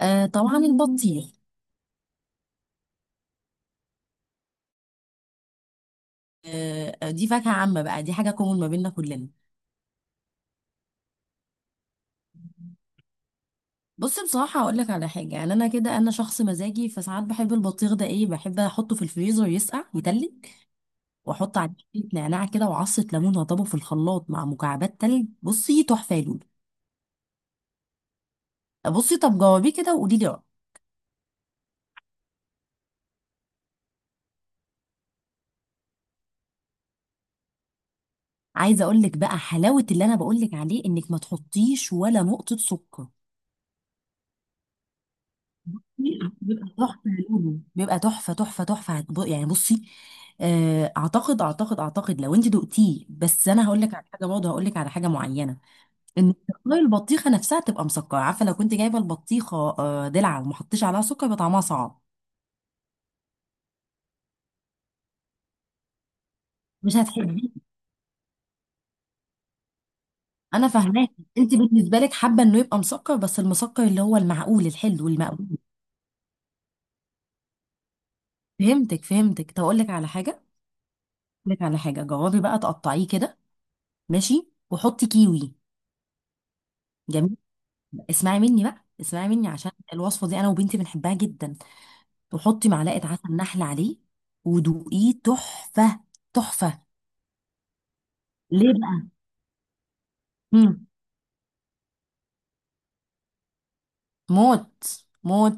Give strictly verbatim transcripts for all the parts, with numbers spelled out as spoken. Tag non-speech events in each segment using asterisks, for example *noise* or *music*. آه، طبعا البطيخ. آه، آه، دي فاكهة عامة بقى، دي حاجة كومون ما بيننا كلنا. بص، بصراحة هقول لك على حاجة يعني، أنا كده أنا شخص مزاجي، فساعات بحب البطيخ ده إيه، بحب أحطه في الفريزر يسقع يتلج، وأحط عليه شوية نعناع كده وعصة ليمون وأضربه في الخلاط مع مكعبات تلج. بصي تحفة يا لولو. بصي طب جربيه كده وقولي لي رأيك. عايزة أقول لك بقى حلاوة اللي أنا بقول لك عليه، إنك ما تحطيش ولا نقطة سكر. بيبقى تحفه، لونه بيبقى تحفه تحفه تحفه. هت- يعني بصي، آه، اعتقد اعتقد اعتقد لو انت دقتيه، بس انا هقول لك على حاجه، برضه هقول لك على حاجه معينه. ان تقطيع البطيخه نفسها تبقى مسكره، عارفه لو كنت جايبه البطيخه آه، دلع وما حطيتش عليها سكر يبقى طعمها صعب. مش هتحبيه. انا فاهماك. انت بالنسبه لك حابه انه يبقى مسكر، بس المسكر اللي هو المعقول الحلو المقبول. فهمتك فهمتك، طب اقول لك على حاجه. اقول لك على حاجه، جربي بقى تقطعيه كده، ماشي، وحطي كيوي. جميل. اسمعي مني بقى، اسمعي مني، عشان الوصفه دي انا وبنتي بنحبها جدا. وحطي معلقه عسل نحل عليه ودوقيه. تحفه. تحفه. ليه بقى؟ مم. موت موت.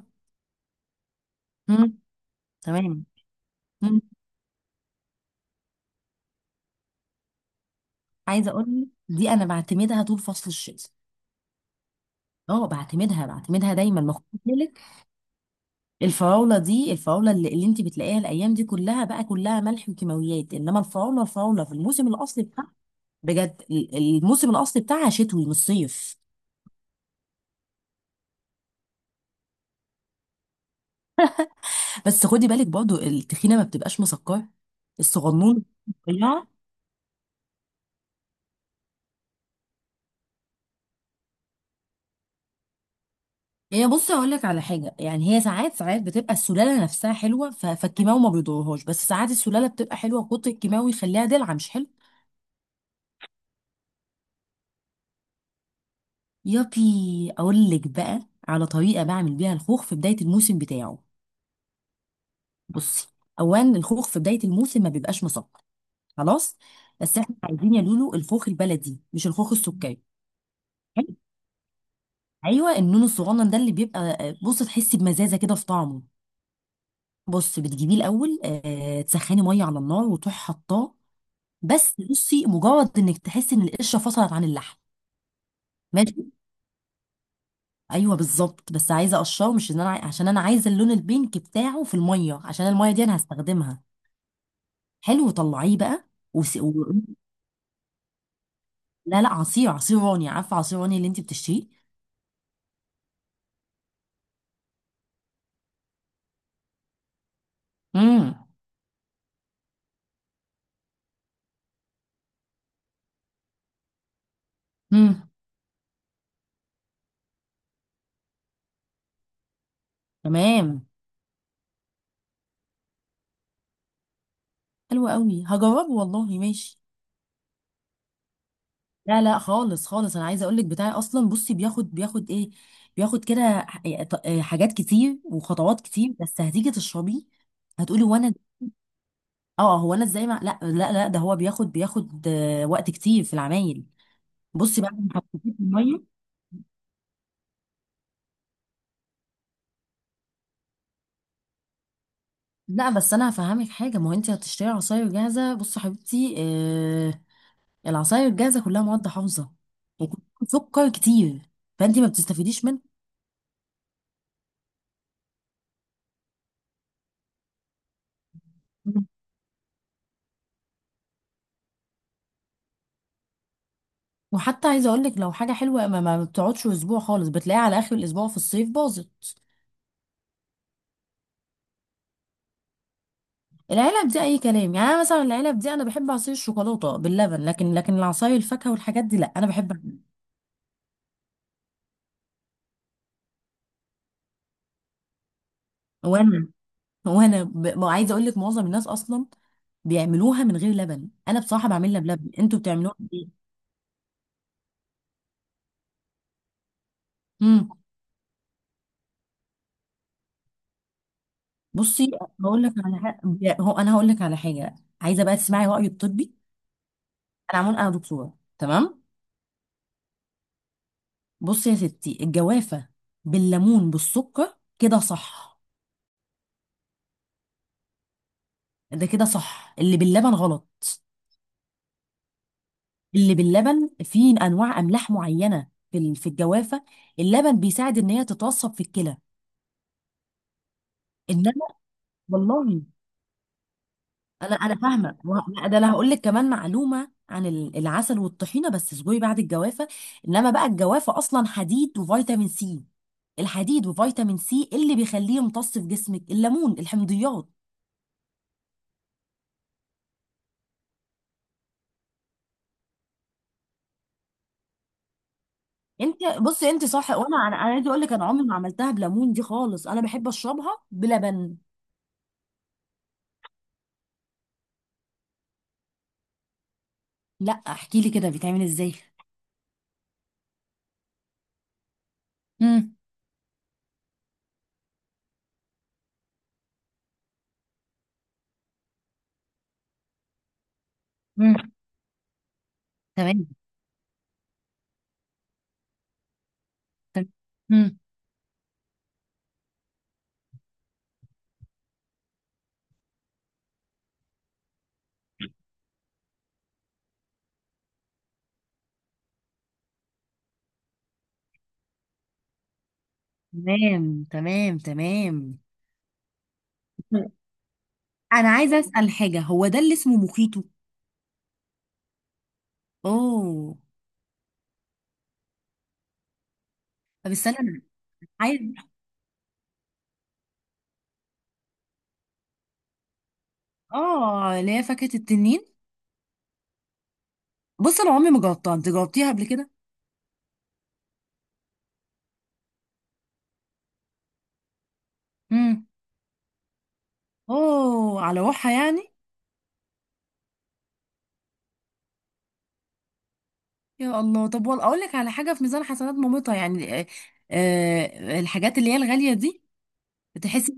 مم. تمام. مم. عايزه اقول لك، دي انا بعتمدها طول فصل الشتاء. اه، بعتمدها، بعتمدها دايما، ما خد بالك. الفراوله دي، الفراوله اللي, اللي انت بتلاقيها الايام دي كلها بقى كلها ملح وكيماويات، انما الفراوله الفراوله في الموسم الاصلي بتاعها. بجد ال- الموسم الاصلي بتاعها شتوي مش صيف. بس خدي بالك برضو التخينه ما بتبقاش مسكره. الصغنون، رفيعه. يعني بصي اقول لك على حاجه، يعني هي ساعات ساعات بتبقى السلاله نفسها حلوه، ف- فالكيماوي ما بيضرهاش، بس ساعات السلاله بتبقى حلوه، كتر الكيماوي يخليها دلع مش حلو. يابي. اقول لك بقى على طريقه بعمل بيها الخوخ في بدايه الموسم بتاعه. بصي، اولا الخوخ في بدايه الموسم ما بيبقاش مسكر، خلاص. بس احنا عايزين يا لولو الخوخ البلدي مش الخوخ السكري، حلو؟ ايوه، النون الصغنن ده اللي بيبقى بص تحسي بمزازه كده في طعمه. بص، بتجيبيه الاول آه، تسخني ميه على النار وتروحي حطاه. بس بصي، مجرد انك تحسي ان القشره فصلت عن اللحم، ماشي. ايوه بالظبط، بس عايزه اقشره، مش ان انا عاي- عشان انا عايزه اللون البينك بتاعه في الميه، عشان الميه دي انا هستخدمها. حلو، طلعيه بقى. وس... و... لا لا، عصير، عصير راني عارفه عصير راني اللي انت بتشتريه. امم. امم. تمام. حلو قوي، هجربه والله، ماشي. لا لا خالص خالص، انا عايزه اقول لك بتاعي اصلا، بصي بياخد بياخد ايه، بياخد كده، ح- إيه ط- إيه حاجات كتير وخطوات كتير، بس هتيجي تشربيه هتقولي وانا. اه، هو انا ازاي مع... لا لا لا، ده هو بياخد بياخد آه، وقت كتير في العمايل. بصي بعد ما حطيتيه في الميه. لا بس انا هفهمك حاجه، ما هو انت هتشتري عصاير جاهزه. بصي يا حبيبتي، آه، العصاير الجاهزه كلها مواد حافظه وكلها سكر كتير، فانت ما بتستفيديش منها. وحتى عايزه اقول لك، لو حاجه حلوه ما, ما بتقعدش اسبوع خالص، بتلاقيها على اخر الاسبوع في الصيف باظت. العلب دي اي كلام، يعني أنا مثلا العلب دي انا بحب عصير الشوكولاته باللبن، لكن لكن العصاير الفاكهه والحاجات دي لا انا بحب. *laughs* وانا وانا ب... ما، عايزه اقول لك معظم الناس اصلا بيعملوها من غير لبن، انا بصراحه بعملها بلبن، انتوا بتعملوها بايه؟ امم. بصي هقول لك على حاجه، هو انا هقول لك على حاجه، عايزه بقى تسمعي رايي الطبي. انا عمون، انا دكتوره، تمام. بصي يا ستي، الجوافة بالليمون بالسكر كده صح؟ ده كده صح، اللي باللبن غلط. اللي باللبن فيه انواع املاح معينة في ال- في الجوافة، اللبن بيساعد ان هي تتوصب في الكلى. انما والله، انا انا فاهمه وه- لا، ده انا هقول لك كمان معلومه عن ال- العسل والطحينه بس اصبري بعد الجوافه. انما بقى الجوافه اصلا حديد وفيتامين سي، الحديد وفيتامين سي اللي بيخليه يمتص في جسمك الليمون الحمضيات. انت بصي انت صح، وانا انا أنا عايزه اقول لك، انا عمري ما عملتها بليمون دي خالص، انا بحب اشربها بلبن. لا احكي لي كده بيتعمل ازاي. امم. امم. تمام. تم-. امم. تمام. تمام. تمام. انا عايزه اسال حاجه، هو ده اللي اسمه موخيتو؟ اوه. طب استنى انا عايز. اه اللي هي فاكهه التنين. بص انا عمري ما جربتها، انت جربتيها قبل كده؟ امم. اوه، على روحها يعني. يا الله، طب والله اقول لك على حاجه، في ميزان حسنات مامتها يعني آه، آه، الحاجات اللي هي الغاليه دي، بتحسي.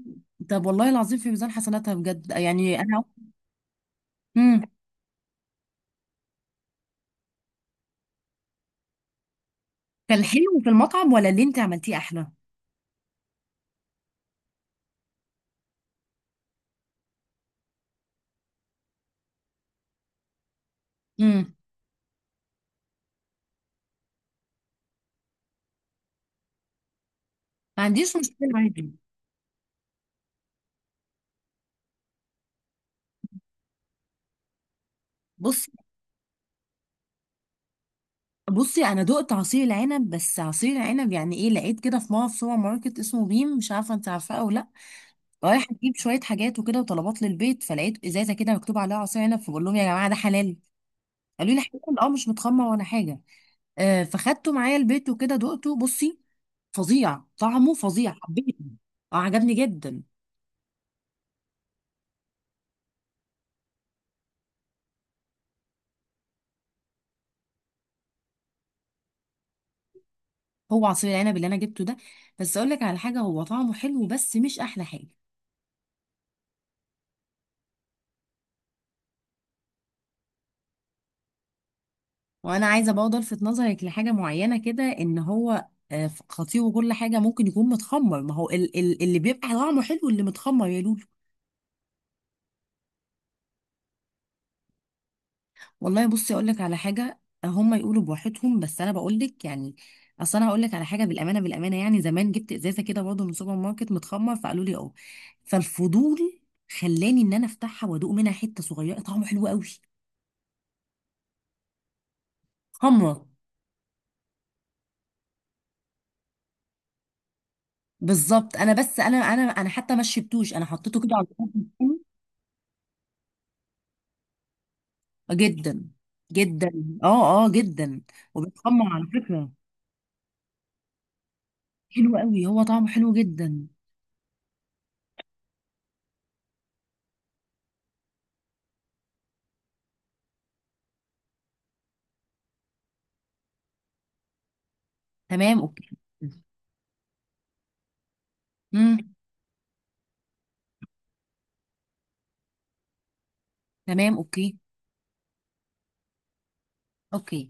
طب والله العظيم في ميزان حسناتها بجد، يعني انا. امم. كان حلو في المطعم ولا اللي انت عملتيه احلى؟ امم. ما عنديش مشكله عادي. بصي. بصي انا دقت عصير العنب، بس عصير العنب يعني ايه، لقيت كده في مول في سوبر ماركت اسمه بيم، مش عارفه انت عارفاه او لا، رايحه اجيب شويه حاجات وكده وطلبات للبيت، فلقيت ازازه كده مكتوب عليها عصير عنب، فبقول لهم يا جماعه ده حلال؟ قالوا لي حلال، اه مش متخمر ولا حاجه، آه، فخدته معايا البيت وكده دقته، بصي فظيع، طعمه فظيع، حبيته. اه عجبني جدا. هو عصير العنب اللي انا جبته ده، بس اقول لك على حاجه، هو طعمه حلو بس مش احلى حاجه. وانا عايزه برضه الفت نظرك لحاجه معينه كده، ان هو آه، خطير وكل حاجه ممكن يكون متخمر، ما هو ال- ال- اللي بيبقى طعمه حلو اللي متخمر يا لولو. والله بصي اقول لك على حاجه، هم يقولوا بواحدهم، بس انا بقول لك يعني، اصل انا هقول لك على حاجه بالامانه بالامانه، يعني زمان جبت ازازه كده برضه من سوبر ماركت متخمر، فقالوا لي اه، فالفضول خلاني ان انا افتحها وادوق منها حته صغيره، طعمه حلو قوي، خمره. بالظبط انا بس، انا انا انا حتى ما شربتوش، انا حطيته كده على الفرن بتاعي. جدا. جدا. اه اه جدا. وبيتخمر على فكره. حلو قوي، هو طعمه حلو جدا. تمام اوكي. امم. تمام اوكي. اوكي.